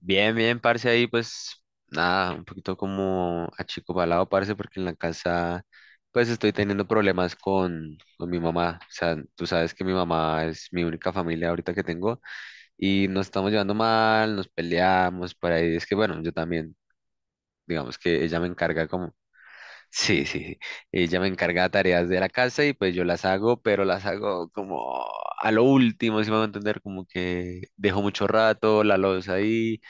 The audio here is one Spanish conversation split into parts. Bien, bien, parce, ahí pues nada, un poquito como achicobalado, parce, porque en la casa pues estoy teniendo problemas con mi mamá. O sea, tú sabes que mi mamá es mi única familia ahorita que tengo y nos estamos llevando mal, nos peleamos por ahí. Es que bueno, yo también, digamos que ella me encarga como, sí, sí, sí, ella me encarga tareas de la casa y pues yo las hago, pero las hago como a lo último, si me van a entender, como que dejo mucho rato la loza ahí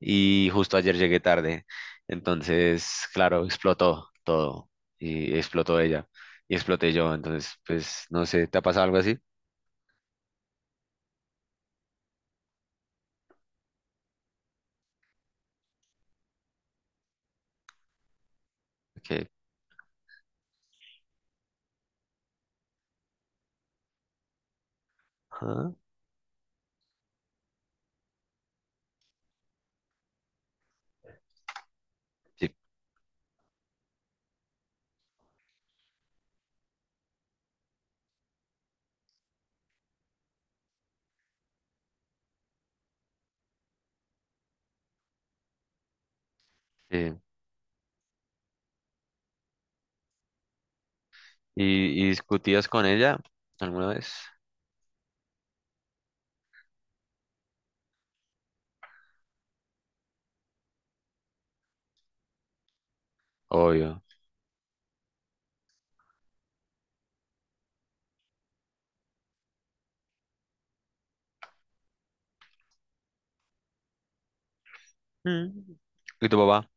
y justo ayer llegué tarde. Entonces, claro, explotó todo y explotó ella y exploté yo. Entonces, pues, no sé, ¿te ha pasado algo así? Que, ah, sí, sí. ¿Y discutías con ella alguna vez? Obvio. Mm. ¿Y tu papá?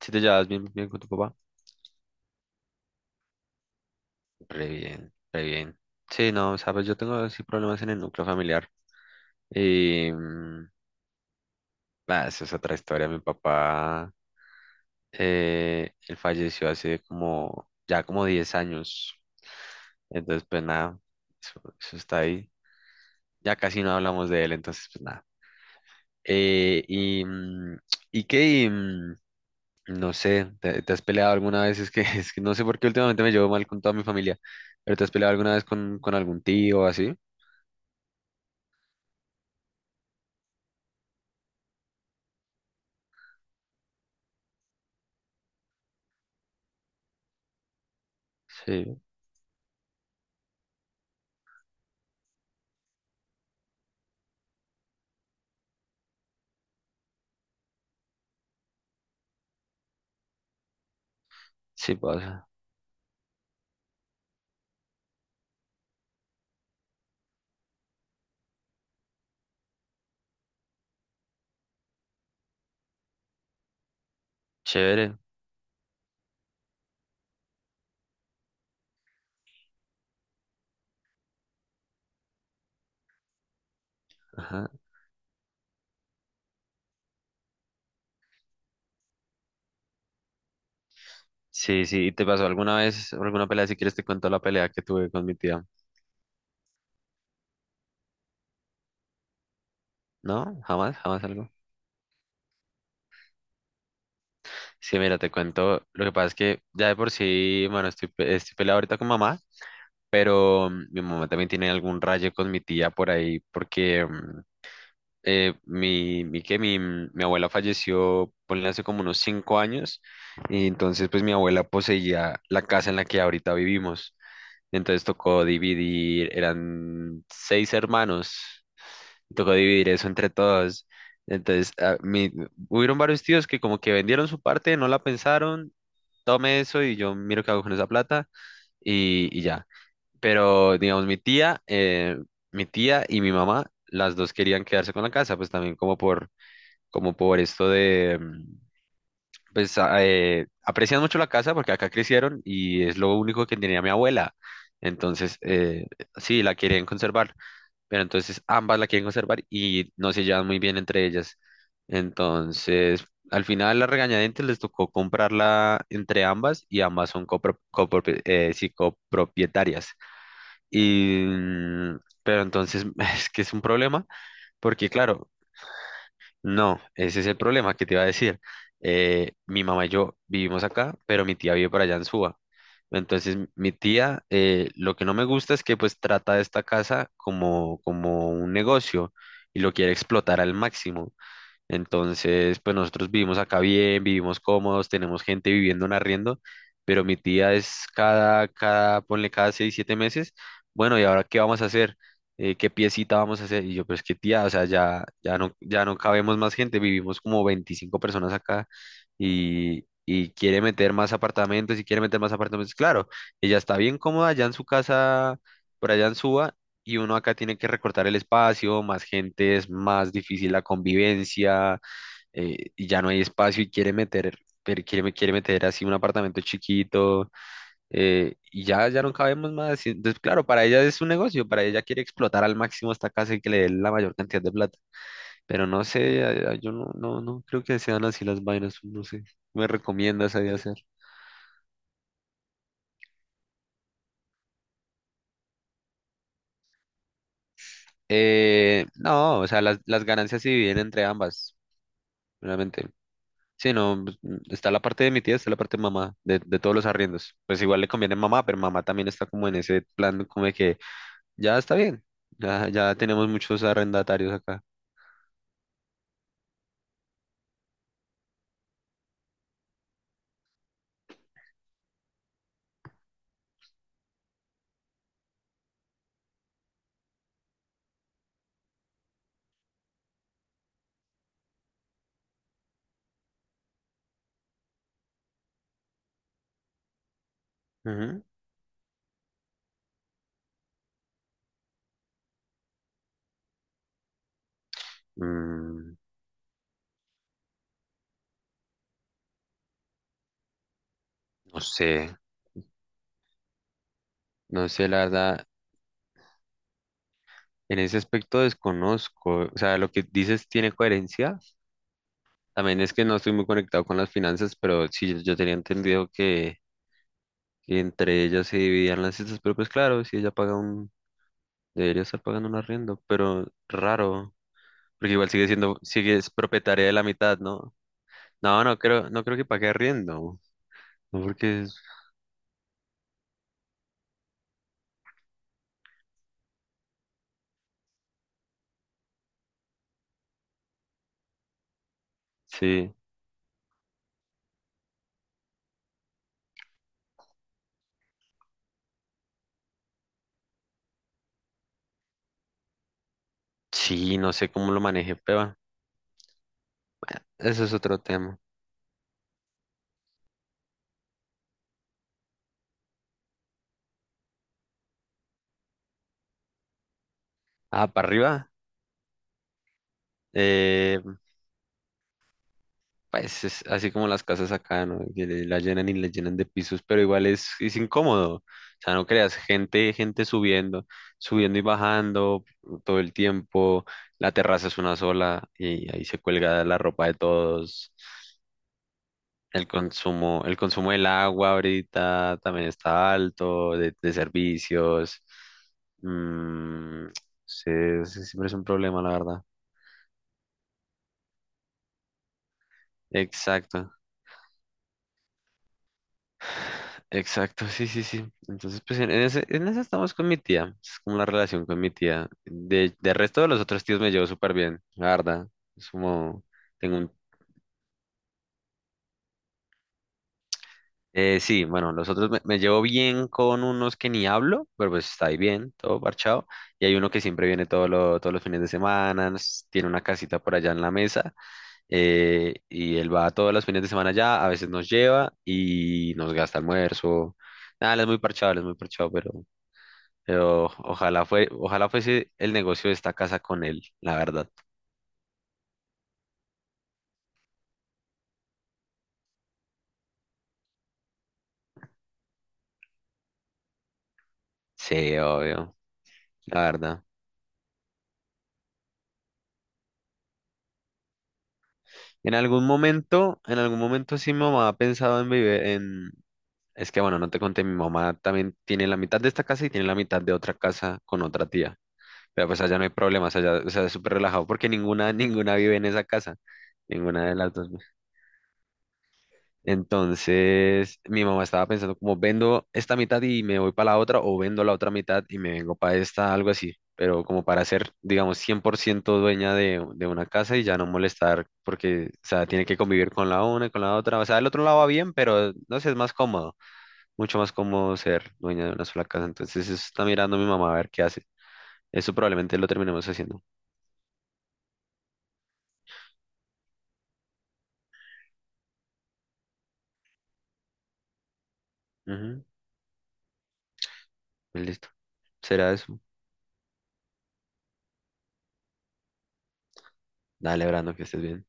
¿Si te llevas bien, bien con tu papá? Re bien, re bien. Sí, no, sabes, yo tengo sí problemas en el núcleo familiar. Y, mm, Bah, eso es otra historia. Mi papá él falleció hace ya como 10 años. Entonces, pues nada, eso está ahí. Ya casi no hablamos de él, entonces, pues nada. Eh, y, mm, y que, mm, no sé, ¿te has peleado alguna vez? Es que, es que no sé por qué últimamente me llevo mal con toda mi familia, pero ¿te has peleado alguna vez con algún tío o así? Sí, sí pasa. Chévere. Ajá. Sí, sí. ¿Y te pasó alguna vez alguna pelea? Si quieres te cuento la pelea que tuve con mi tía. ¿No? ¿Jamás? ¿Jamás algo? Sí, mira, te cuento, lo que pasa es que ya de por sí, bueno, estoy peleado ahorita con mamá, pero mi mamá también tiene algún rayo con mi tía por ahí, porque mm, mi, mi, que mi, mm, mi abuela falleció, ponle hace como unos 5 años, y entonces pues mi abuela poseía la casa en la que ahorita vivimos, entonces tocó dividir, eran seis hermanos, tocó dividir eso entre todos. Entonces, hubieron varios tíos que como que vendieron su parte, no la pensaron tome eso y yo miro qué hago con esa plata y ya. Pero, digamos, mi tía y mi mamá, las dos querían quedarse con la casa, pues también como por esto de, aprecian mucho la casa porque acá crecieron y es lo único que tenía mi abuela. Entonces, sí, la querían conservar, pero entonces ambas la quieren conservar y no se llevan muy bien entre ellas. Entonces, al final la regañadientes les tocó comprarla entre ambas y ambas son sí, copropietarias. Pero entonces es que es un problema porque, claro, no, ese es el problema que te iba a decir. Mi mamá y yo vivimos acá, pero mi tía vive por allá en Suba. Entonces, mi tía, lo que no me gusta es que pues trata esta casa como, como un negocio y lo quiere explotar al máximo. Entonces, pues nosotros vivimos acá bien, vivimos cómodos, tenemos gente viviendo en arriendo, pero mi tía es ponle cada 6, 7 meses, bueno, ¿y ahora qué vamos a hacer? ¿Qué piecita vamos a hacer? Y yo, pues qué tía, o sea, ya, ya no, ya no cabemos más gente, vivimos como 25 personas acá y quiere meter más apartamentos y quiere meter más apartamentos. Claro, ella está bien cómoda allá en su casa, por allá en Suba, y uno acá tiene que recortar el espacio, más gente, es más difícil la convivencia, y ya no hay espacio y quiere meter, pero quiere meter así un apartamento chiquito, y ya no cabemos más. Y entonces, claro, para ella es un negocio, para ella quiere explotar al máximo esta casa y que le dé la mayor cantidad de plata, pero no sé, yo no creo que sean así las vainas, no sé. ¿Me recomiendas ahí hacer? No, o sea, las ganancias se dividen entre ambas, realmente. Sí, no, pues, está la parte de mi tía, está la parte de mamá, de todos los arriendos. Pues igual le conviene a mamá, pero mamá también está como en ese plan, como de que ya está bien, ya tenemos muchos arrendatarios acá. Ujú. Mm, no sé, no sé, la verdad, en ese aspecto desconozco. O sea, lo que dices tiene coherencia. También es que no estoy muy conectado con las finanzas, pero sí, yo tenía entendido que, entre ellas se dividían las cestas, pero pues claro, si ella debería estar pagando un arriendo, pero raro. Porque igual sigue siendo, sigue es propietaria de la mitad, ¿no? No, no creo, no creo que pague arriendo. No, porque sí, sí, no sé cómo lo maneje, pero eso es otro tema. Ah, para arriba, eh, pues es así como las casas acá, ¿no? Que le- la llenan y la llenan de pisos, pero igual es incómodo. O sea, no creas, gente, gente subiendo, subiendo y bajando todo el tiempo. La terraza es una sola y ahí se cuelga la ropa de todos. El consumo del agua ahorita también está alto, de servicios. Mm, sí, sí, siempre es un problema, la verdad. Exacto, exacto, sí, sí, sí. Entonces, pues en ese estamos con mi tía. Es como la relación con mi tía. De resto de los otros tíos me llevo súper bien, la verdad. Es como, tengo un. Sí, bueno, los otros me llevo bien con unos que ni hablo, pero pues está ahí bien, todo parchado. Y hay uno que siempre viene todos los fines de semana, tiene una casita por allá en la mesa, y él va todos los fines de semana allá, a veces nos lleva y nos gasta almuerzo. Nada, él es muy parchado, él es muy parchado, pero ojalá fuese el negocio de esta casa con él, la verdad. Sí, obvio, la verdad. En algún momento sí mi mamá ha pensado en vivir, en. Es que bueno, no te conté, mi mamá también tiene la mitad de esta casa y tiene la mitad de otra casa con otra tía. Pero pues allá no hay problemas, allá, o sea, es súper relajado porque ninguna, ninguna vive en esa casa, ninguna de las dos, pues. Entonces, mi mamá estaba pensando como vendo esta mitad y me voy para la otra o vendo la otra mitad y me vengo para esta, algo así. Pero como para ser, digamos, 100% dueña de una casa y ya no molestar porque, o sea, tiene que convivir con la una y con la otra. O sea, el otro lado va bien, pero no sé, es más cómodo mucho más cómodo ser dueña de una sola casa. Entonces, eso está mirando mi mamá a ver qué hace. Eso probablemente lo terminemos haciendo. Ujú, pues listo. Será eso. Dale, Brando, que estés bien.